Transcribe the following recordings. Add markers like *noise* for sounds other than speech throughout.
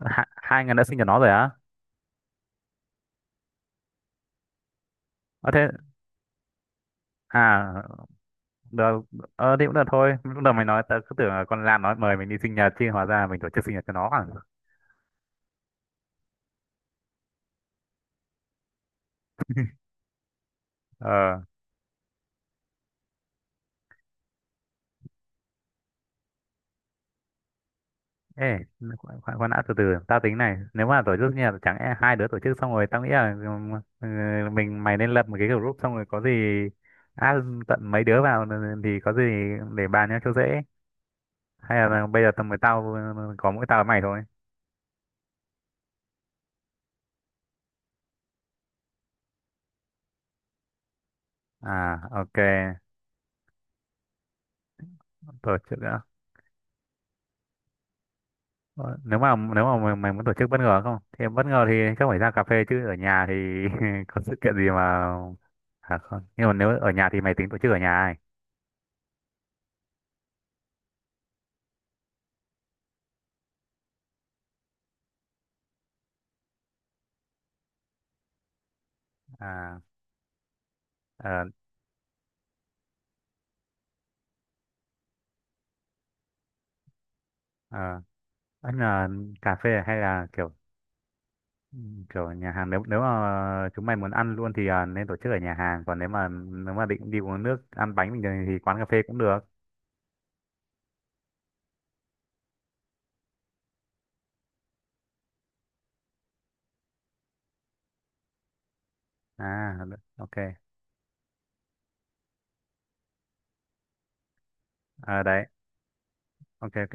Hai người đã sinh cho nó rồi á. Ờ thế. À. Được. Ờ thì cũng được thôi, lúc đầu mày nói tớ cứ tưởng là con Lan nói mời mình đi sinh nhật, chứ hóa ra mình tổ chức sinh nhật cho nó à? Ờ. Ê, khoan khoan khoan đã, từ từ, tao tính này, nếu mà tổ chức sinh nhật chẳng e hai đứa tổ chức xong rồi, tao nghĩ là ừ, mình mày nên lập một cái group, xong rồi có gì add tận mấy đứa vào, thì có gì để bàn nhau cho dễ. Hay là bây giờ tầm với tao có mỗi tao với mày thôi? À, ok. Tổ chức. Ờ, nếu mà nếu mà mày muốn tổ chức bất ngờ không, thì bất ngờ thì chắc phải ra cà phê, chứ ở nhà thì *laughs* có sự kiện gì mà. Không, nhưng mà nếu ở nhà thì mày tính tổ chức ở nhà ấy? À. Ờ. Ờ. Ăn là cà phê hay là kiểu kiểu nhà hàng? Nếu nếu mà chúng mày muốn ăn luôn thì nên tổ chức ở nhà hàng, còn nếu mà định đi uống nước ăn bánh bình thường thì quán cà phê cũng được. À, ok. À, đấy. Ok ok.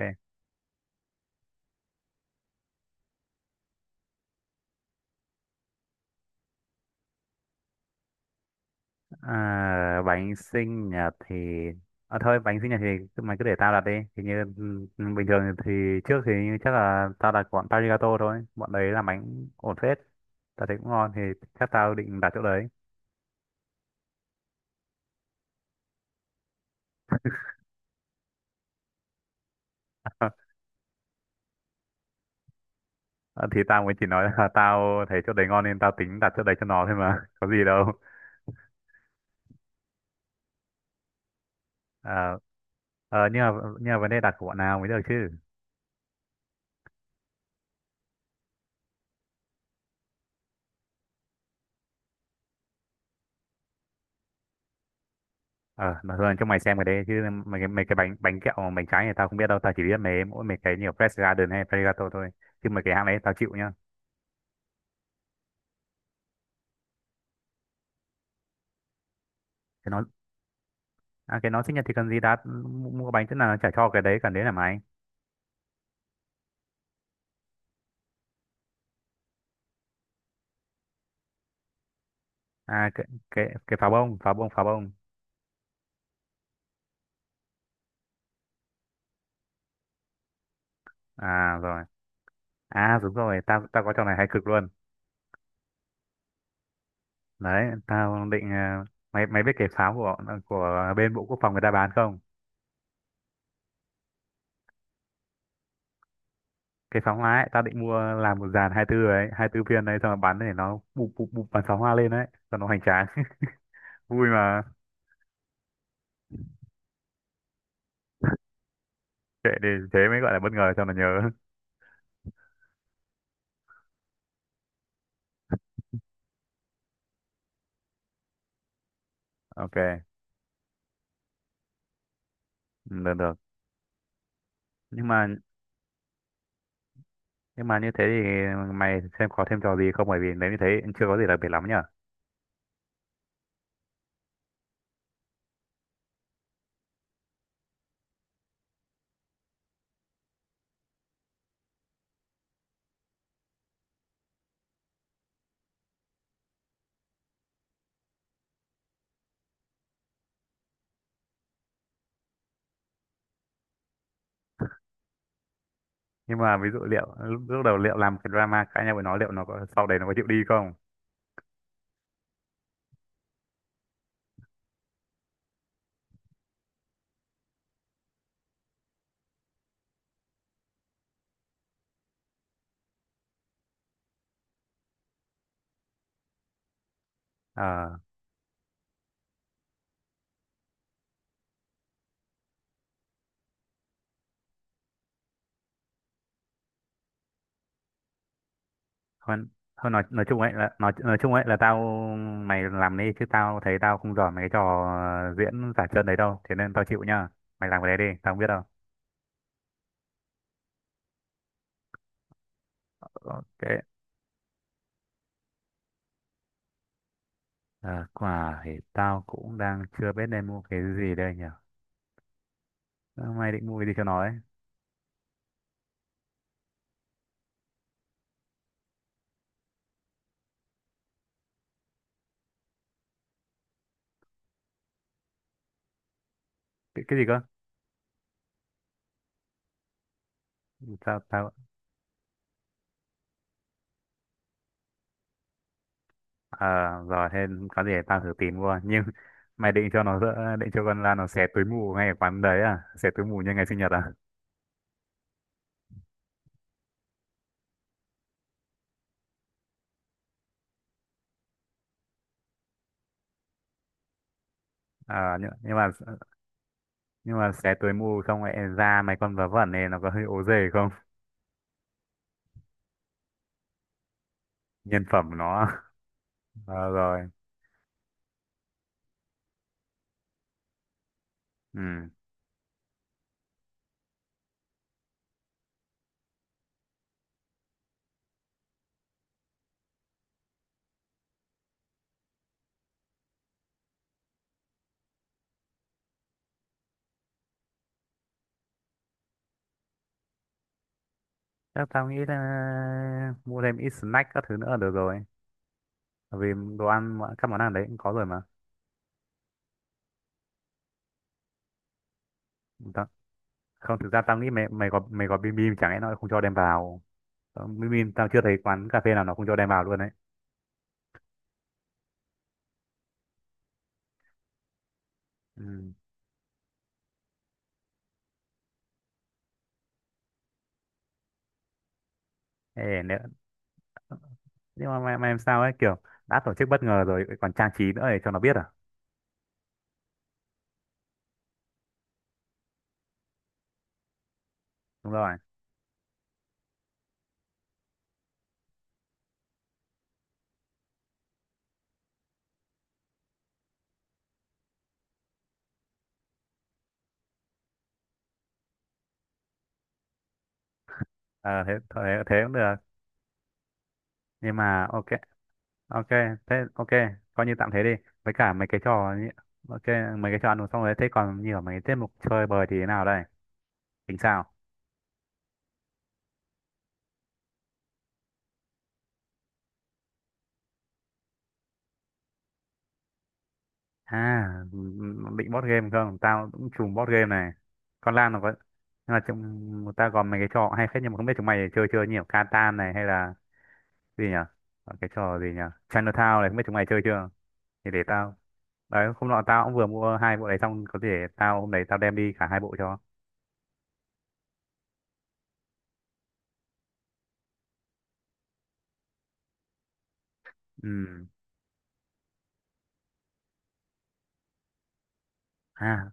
À, bánh sinh nhật thì thôi, bánh sinh nhật thì cứ- mày cứ để tao đặt đi, thì như bình thường thì trước thì như chắc là tao đặt bọn Parigato thôi, bọn đấy làm bánh ổn phết, tao thấy cũng ngon, thì chắc tao định đặt chỗ đấy. *laughs* Ờ, thì tao mới chỉ nói là *laughs* tao thấy chỗ đấy ngon nên tao tính đặt chỗ đấy cho nó thôi mà, *laughs* có gì đâu. Ờ, ờ, nhưng mà nhưng mà vấn đề đặt của bọn nào mới được chứ. Ờ mà thôi cho mày xem cái đấy chứ. Mấy cái bánh bánh kẹo mà bánh trái này tao không biết đâu, tao chỉ biết mấy cái nhiều Fresh Garden hay Pregato thôi, chứ mấy cái hãng đấy tao chịu nhá. Cái nó. À, cái nó sinh nhật thì cần gì, đã mua mua bánh thế nào nó chả cho, cái đấy cần đấy là mày. À, cái pháo bông. À rồi. À đúng rồi, tao tao có trò này hay cực luôn. Đấy tao định mày mày biết cái pháo của bên bộ quốc phòng người ta bán không? Cái pháo hoa ấy, tao định mua làm một dàn 24 ấy, 24 viên đấy, xong rồi bắn để nó bụp bụp bụp, bắn pháo hoa lên đấy cho nó hoành tráng, vui mà. Kệ đi, thế mới gọi là bất ngờ cho nó nhớ. *laughs* Ok. Ừ, được được. Nhưng mà như thế thì mày xem có thêm trò gì không, bởi vì nếu như thế chưa có gì đặc biệt lắm nhở. Nhưng mà ví dụ liệu lúc đầu liệu làm cái drama cãi nhau với nó, liệu nó có sau đấy nó có chịu đi không. Ờ. Hơn hơn nói chung ấy là nói chung ấy là tao mày làm đi, chứ tao thấy tao không giỏi mấy cái trò diễn giả trân đấy đâu, thế nên tao chịu nhá, mày làm cái đấy đi, tao không biết đâu. Ok. À, quả thì tao cũng đang chưa biết nên mua cái gì đây nhỉ. Ờ, mày định mua cái gì cho nó ấy? Cái gì cơ? Sao tao. À, rồi thế có gì để tao thử tìm qua, nhưng *laughs* mày định cho nó dỡ- định cho con Lan nó xé túi mù ngay ở quán đấy à, xé túi mù như ngày sinh nhật à? À nhưng mà nhưng mà xé túi mù xong lại ra mấy con vớ vẩn này nó có hơi ố dề không. Nhân phẩm nó. *laughs* Ờ, rồi. Ừ, chắc tao nghĩ là mua thêm ít snack các thứ nữa là được rồi, bởi vì đồ ăn các món ăn đấy cũng có rồi mà. Tao không, thực ra tao nghĩ mày mày có bim bim chẳng lẽ nó không cho đem vào. Ờ, bim bim tao chưa thấy quán cà phê nào nó không cho đem vào luôn đấy. Ừ. Ê, nếu, nhưng mà mày làm sao ấy, kiểu đã tổ chức bất ngờ rồi còn trang trí nữa để cho nó biết à. Đúng rồi. Ờ, thế thế cũng được. Nhưng mà ok. Ok thế ok, coi như tạm thế đi, với cả mấy cái trò như- ok, mấy cái trò ăn uống xong rồi thế còn như ở mấy cái tiết mục chơi bời thì thế nào đây, tính sao. À, định board game không? Tao cũng trùm board game này. Con Lan nó có, nhưng mà trong tao còn mấy cái trò hay phết, nhưng mà không biết chúng mày chơi chưa nhiều. Catan này hay là gì nhỉ? Còn cái trò gì nhỉ? Chinatown này không biết chúng mày chơi chưa? Thì để tao. Đấy, hôm nọ tao cũng vừa mua hai bộ đấy, xong có thể tao hôm đấy tao đem đi cả hai bộ cho. Ừ. À,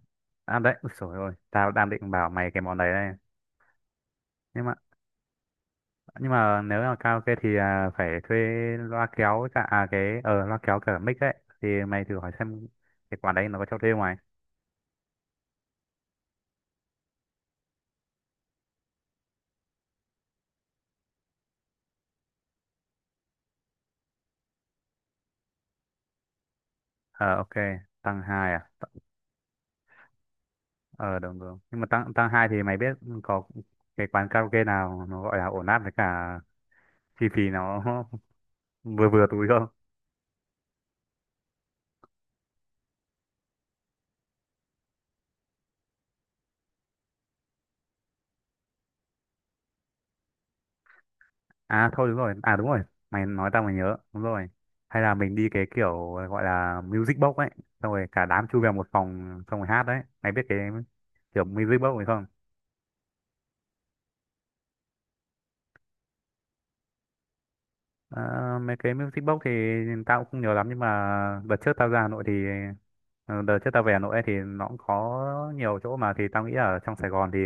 à đấy, ôi trời ơi, tao đang định bảo mày cái món đấy đây. Nhưng mà nếu là karaoke thì phải thuê loa kéo cả cái loa kéo cả mic ấy, thì mày thử hỏi xem cái quán đấy nó có cho thuê ngoài. Ờ ok. Tăng hai à, T-. Ờ đúng đúng, nhưng mà tăng tăng hai thì mày biết có cái quán karaoke nào nó gọi là ổn áp, với cả chi phí nó *laughs* vừa vừa túi không. À thôi đúng rồi, à đúng rồi, mày nói tao mày nhớ đúng rồi. Hay là mình đi cái kiểu gọi là music box ấy, xong rồi cả đám chui vào một phòng xong rồi hát đấy, mày biết cái kiểu music box này không? À, mấy cái music box thì tao cũng không nhiều lắm, nhưng mà đợt trước tao ra Hà Nội thì đợt trước tao về Hà Nội ấy thì nó cũng có nhiều chỗ mà, thì tao nghĩ ở trong Sài Gòn thì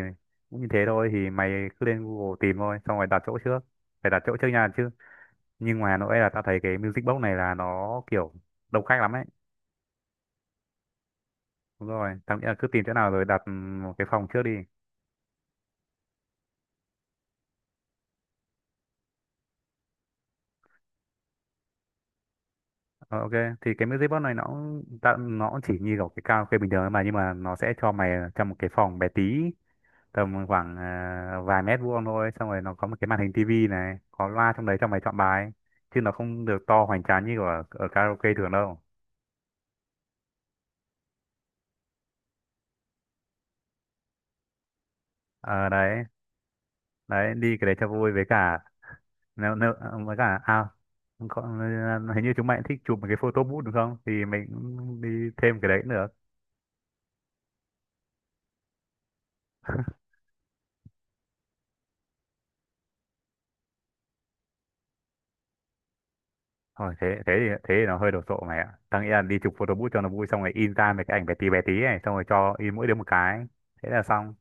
cũng như thế thôi, thì mày cứ lên Google tìm thôi xong rồi đặt chỗ trước, phải đặt chỗ trước nha chứ. Nhưng ngoài Hà Nội là tao thấy cái music box này là nó kiểu đông khách lắm ấy. Đúng rồi, tao nghĩ là cứ tìm chỗ nào rồi đặt một cái phòng trước đi. Ờ, ok. Thì cái music box này nó cũng- tao nó cũng chỉ như kiểu cái karaoke bình thường thôi mà, nhưng mà nó sẽ cho mày trong một cái phòng bé tí, tầm khoảng vài mét vuông thôi, xong rồi nó có một cái màn hình tivi này, có loa trong đấy cho mày chọn bài, chứ nó không được to hoành tráng như ở karaoke thường đâu. Ờ đấy, đấy đi cái đấy cho vui với cả nếu, nếu, với cả à, có, hình như chúng mày cũng thích chụp một cái photo booth đúng không, thì mình cũng đi thêm cái đấy cũng được. Thôi thế thế thì nó hơi đồ sộ mày ạ, tao nghĩ là đi chụp photo booth cho nó vui, xong rồi in ra mấy cái ảnh bé tí này, xong rồi cho in mỗi đứa một cái, thế là xong.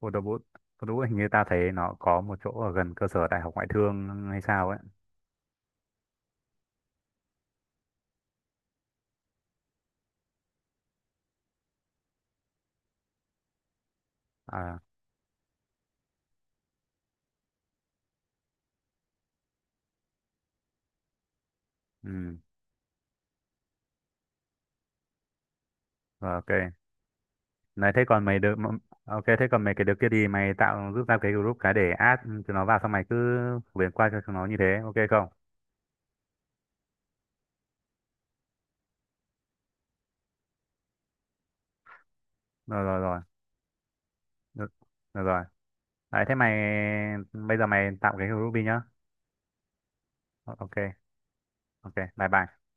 Cô đỗ bút. Cô đỗ bút hình như ta thấy nó có một chỗ ở gần cơ sở đại học ngoại thương hay sao ấy. À. Ừ. Rồi, ok. Này thế còn mày được. Ok, thế còn mấy cái đứa kia thì mày tạo giúp ra cái group cái để add chúng nó vào, xong mày cứ phổ biến qua cho chúng nó, như thế ok không? Rồi rồi rồi, được, được rồi. Đấy thế mày bây giờ mày tạo cái group đi nhá. Ok ok. Bye bye.